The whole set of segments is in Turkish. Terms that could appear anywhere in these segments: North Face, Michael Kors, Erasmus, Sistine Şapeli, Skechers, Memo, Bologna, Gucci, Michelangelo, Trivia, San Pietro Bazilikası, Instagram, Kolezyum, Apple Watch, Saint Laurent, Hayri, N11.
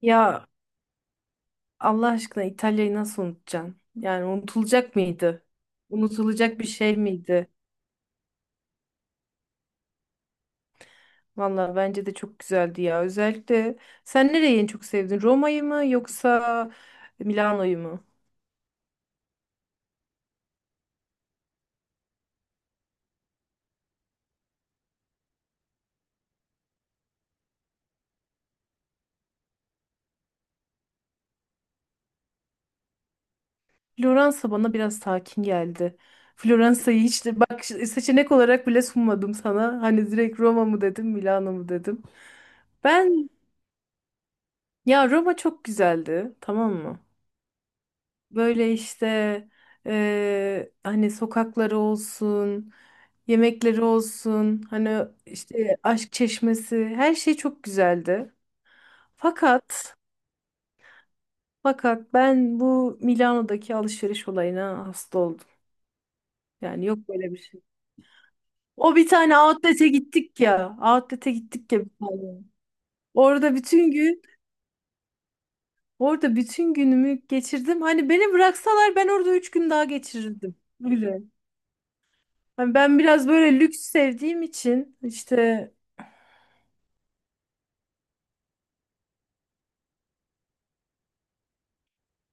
Ya Allah aşkına İtalya'yı nasıl unutacaksın? Yani unutulacak mıydı? Unutulacak bir şey miydi? Valla bence de çok güzeldi ya. Özellikle sen nereyi en çok sevdin? Roma'yı mı yoksa Milano'yu mu? Floransa bana biraz sakin geldi. Floransa'yı hiç de bak seçenek olarak bile sunmadım sana. Hani direkt Roma mı dedim, Milano mu dedim. Ben ya Roma çok güzeldi, tamam mı? Böyle işte hani sokakları olsun, yemekleri olsun, hani işte aşk çeşmesi her şey çok güzeldi. Fakat fakat ben bu Milano'daki alışveriş olayına hasta oldum. Yani yok böyle bir şey. O bir tane outlet'e gittik ya. Outlet'e gittik ya bir tane. Orada bütün gün, orada bütün günümü geçirdim. Hani beni bıraksalar ben orada 3 gün daha geçirirdim. Öyle. Hani ben biraz böyle lüks sevdiğim için işte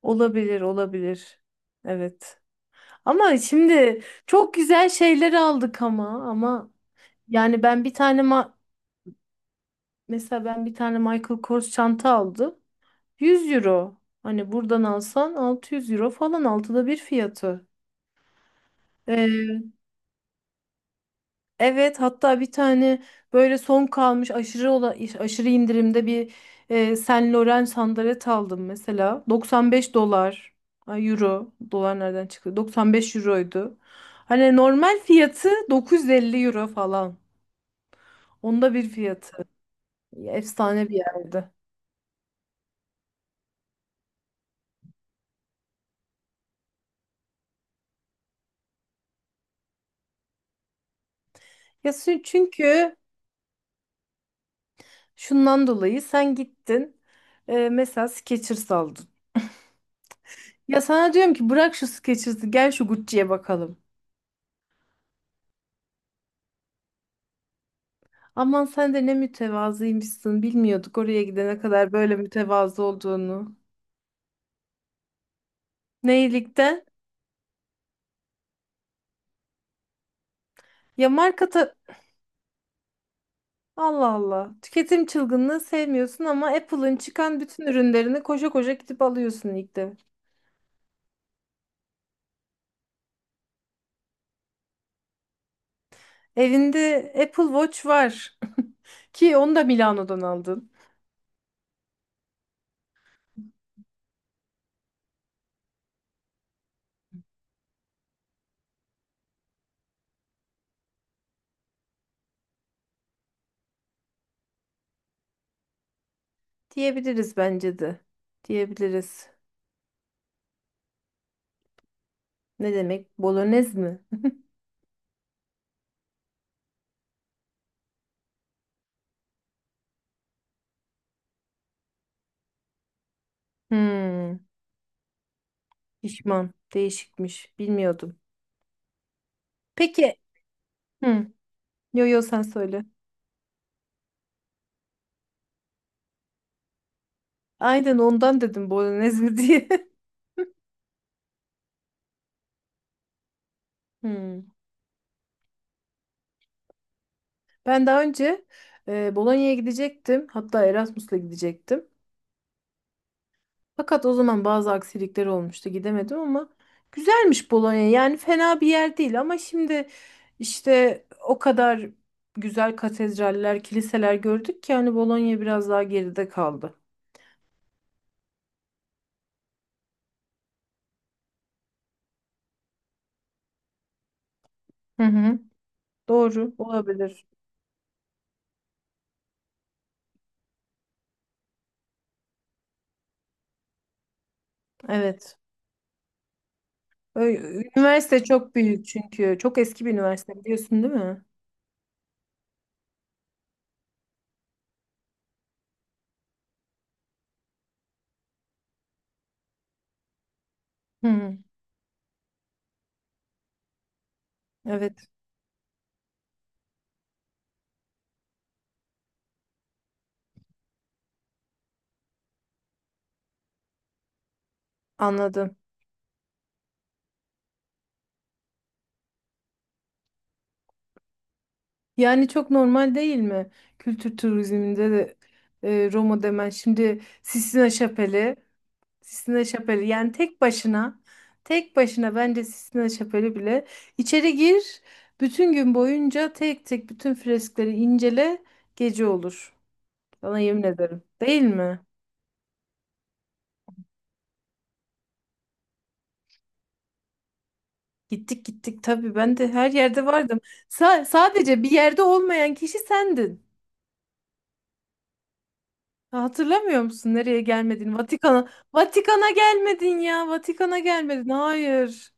olabilir olabilir. Evet. Ama şimdi çok güzel şeyler aldık ama yani ben bir tane mesela ben bir tane Michael Kors çanta aldım. 100 euro. Hani buradan alsan 600 euro falan 1/6 fiyatı. Evet hatta bir tane böyle son kalmış aşırı indirimde bir Saint Laurent sandalet aldım mesela. 95 dolar ay, euro dolar nereden çıktı? 95 euroydu. Hani normal fiyatı 950 euro falan. 1/10 fiyatı. Efsane bir yerdi. Ya çünkü şundan dolayı sen gittin mesela Skechers aldın. Ya sana diyorum ki bırak şu Skechers'ı gel şu Gucci'ye bakalım. Aman sen de ne mütevazıymışsın. Bilmiyorduk oraya gidene kadar böyle mütevazı olduğunu. Ne Ya marka ta- Allah Allah. Tüketim çılgınlığı sevmiyorsun ama Apple'ın çıkan bütün ürünlerini koşa koşa gidip alıyorsun ilk de. Evinde Apple Watch var. Ki onu da Milano'dan aldın. Diyebiliriz bence de. Diyebiliriz. Ne demek? Bolognese mi? Hmm, pişman. Değişikmiş. Bilmiyordum. Peki. Hı. Yo yo sen söyle. Aynen ondan dedim Bolognese diye. Hmm. Ben daha önce Bologna'ya gidecektim. Hatta Erasmus'la gidecektim. Fakat o zaman bazı aksilikler olmuştu. Gidemedim ama güzelmiş Bolonya. Yani fena bir yer değil ama şimdi işte o kadar güzel katedraller, kiliseler gördük ki hani Bolonya biraz daha geride kaldı. Hı hı. Doğru olabilir. Evet. Üniversite çok büyük çünkü. Çok eski bir üniversite biliyorsun değil mi? Hı hı. Evet, anladım. Yani çok normal değil mi? Kültür turizminde de Roma demen. Şimdi Sistine Şapeli, Sistine Şapeli yani tek başına, tek başına bence Sistine Şapeli bile içeri gir, bütün gün boyunca tek tek bütün freskleri incele, gece olur. Sana yemin ederim. Değil mi? Gittik gittik tabii ben de her yerde vardım. Sadece bir yerde olmayan kişi sendin. Ha, hatırlamıyor musun nereye gelmedin? Vatikan'a. Vatikan'a gelmedin ya. Vatikan'a gelmedin. Hayır.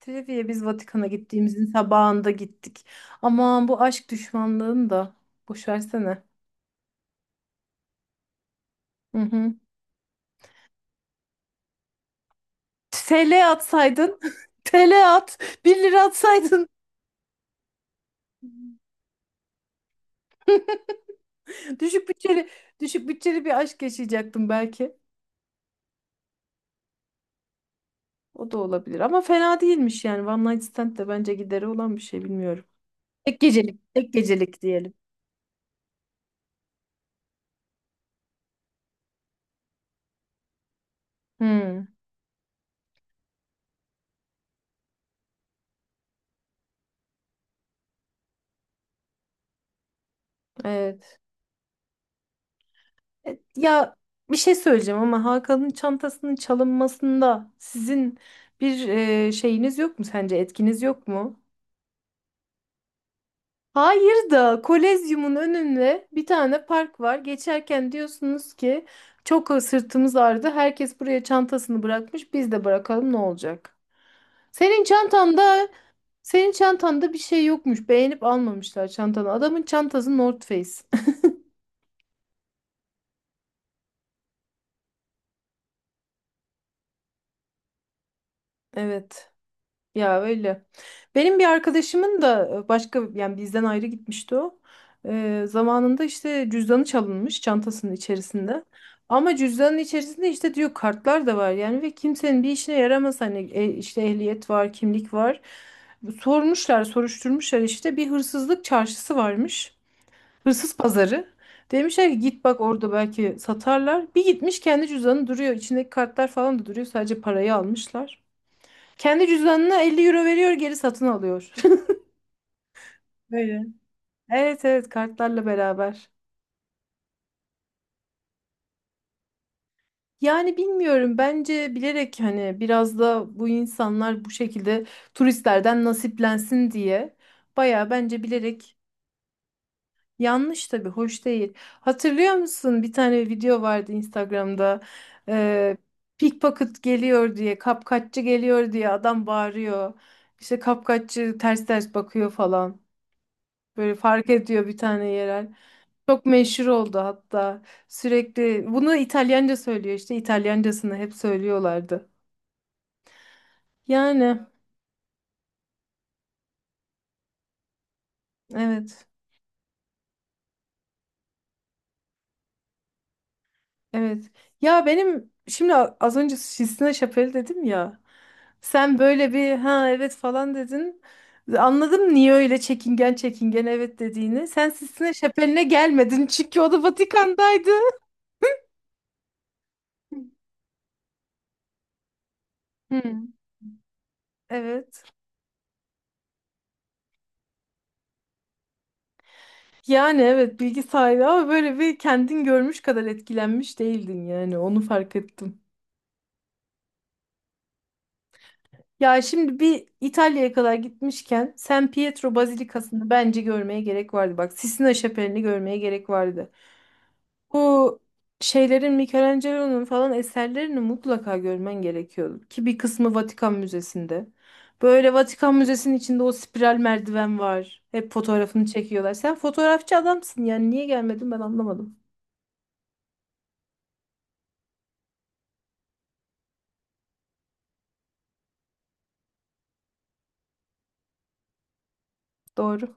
Trivia'ya biz Vatikan'a gittiğimizin sabahında gittik. Aman bu aşk düşmanlığını da. Boş versene. Hı hı. TL atsaydın. TL at. 1 lira atsaydın. Düşük bütçeli, düşük bütçeli bir aşk yaşayacaktım belki. O da olabilir. Ama fena değilmiş yani. One Night Stand de bence gideri olan bir şey bilmiyorum. Tek gecelik. Tek gecelik diyelim. Hmm, evet. Ya bir şey söyleyeceğim ama Hakan'ın çantasının çalınmasında sizin bir şeyiniz yok mu, sence etkiniz yok mu? Hayır da Kolezyum'un önünde bir tane park var. Geçerken diyorsunuz ki çok sırtımız ağrıdı. Herkes buraya çantasını bırakmış. Biz de bırakalım, ne olacak? Senin çantanda senin çantanda bir şey yokmuş. Beğenip almamışlar çantanı. Adamın çantası North Face. Evet. Ya öyle. Benim bir arkadaşımın da başka yani bizden ayrı gitmişti o. Zamanında işte cüzdanı çalınmış çantasının içerisinde. Ama cüzdanın içerisinde işte diyor kartlar da var yani ve kimsenin bir işine yaramaz hani işte ehliyet var, kimlik var. Sormuşlar, soruşturmuşlar, işte bir hırsızlık çarşısı varmış. Hırsız pazarı. Demişler ki git bak orada belki satarlar. Bir gitmiş, kendi cüzdanı duruyor. İçindeki kartlar falan da duruyor. Sadece parayı almışlar. Kendi cüzdanına 50 euro veriyor, geri satın alıyor. Böyle. Evet evet, kartlarla beraber. Yani bilmiyorum, bence bilerek, hani biraz da bu insanlar bu şekilde turistlerden nasiplensin diye baya bence bilerek, yanlış tabii, hoş değil. Hatırlıyor musun, bir tane video vardı Instagram'da. Ee, pickpocket geliyor diye, kapkaççı geliyor diye adam bağırıyor. İşte kapkaççı ters ters bakıyor falan, böyle fark ediyor bir tane yerel. Çok meşhur oldu hatta. Sürekli bunu İtalyanca söylüyor, işte İtalyancasını hep söylüyorlardı. Yani evet evet. Ya benim şimdi az önce Sistine Şapeli dedim ya. Sen böyle bir ha evet falan dedin. Anladım niye öyle çekingen çekingen evet dediğini. Sen Sistine Şapeli'ne gelmedin çünkü o da Vatikan'daydı. Hı, evet. Yani evet, bilgi sahibi ama böyle bir kendin görmüş kadar etkilenmiş değildin yani, onu fark ettim. Ya şimdi bir İtalya'ya kadar gitmişken San Pietro Bazilikası'nı bence görmeye gerek vardı. Bak Sistina Şapeli'ni görmeye gerek vardı. Bu şeylerin Michelangelo'nun falan eserlerini mutlaka görmen gerekiyordu. Ki bir kısmı Vatikan Müzesi'nde. Böyle Vatikan Müzesi'nin içinde o spiral merdiven var. Hep fotoğrafını çekiyorlar. Sen fotoğrafçı adamsın yani niye gelmedin ben anlamadım. Doğru.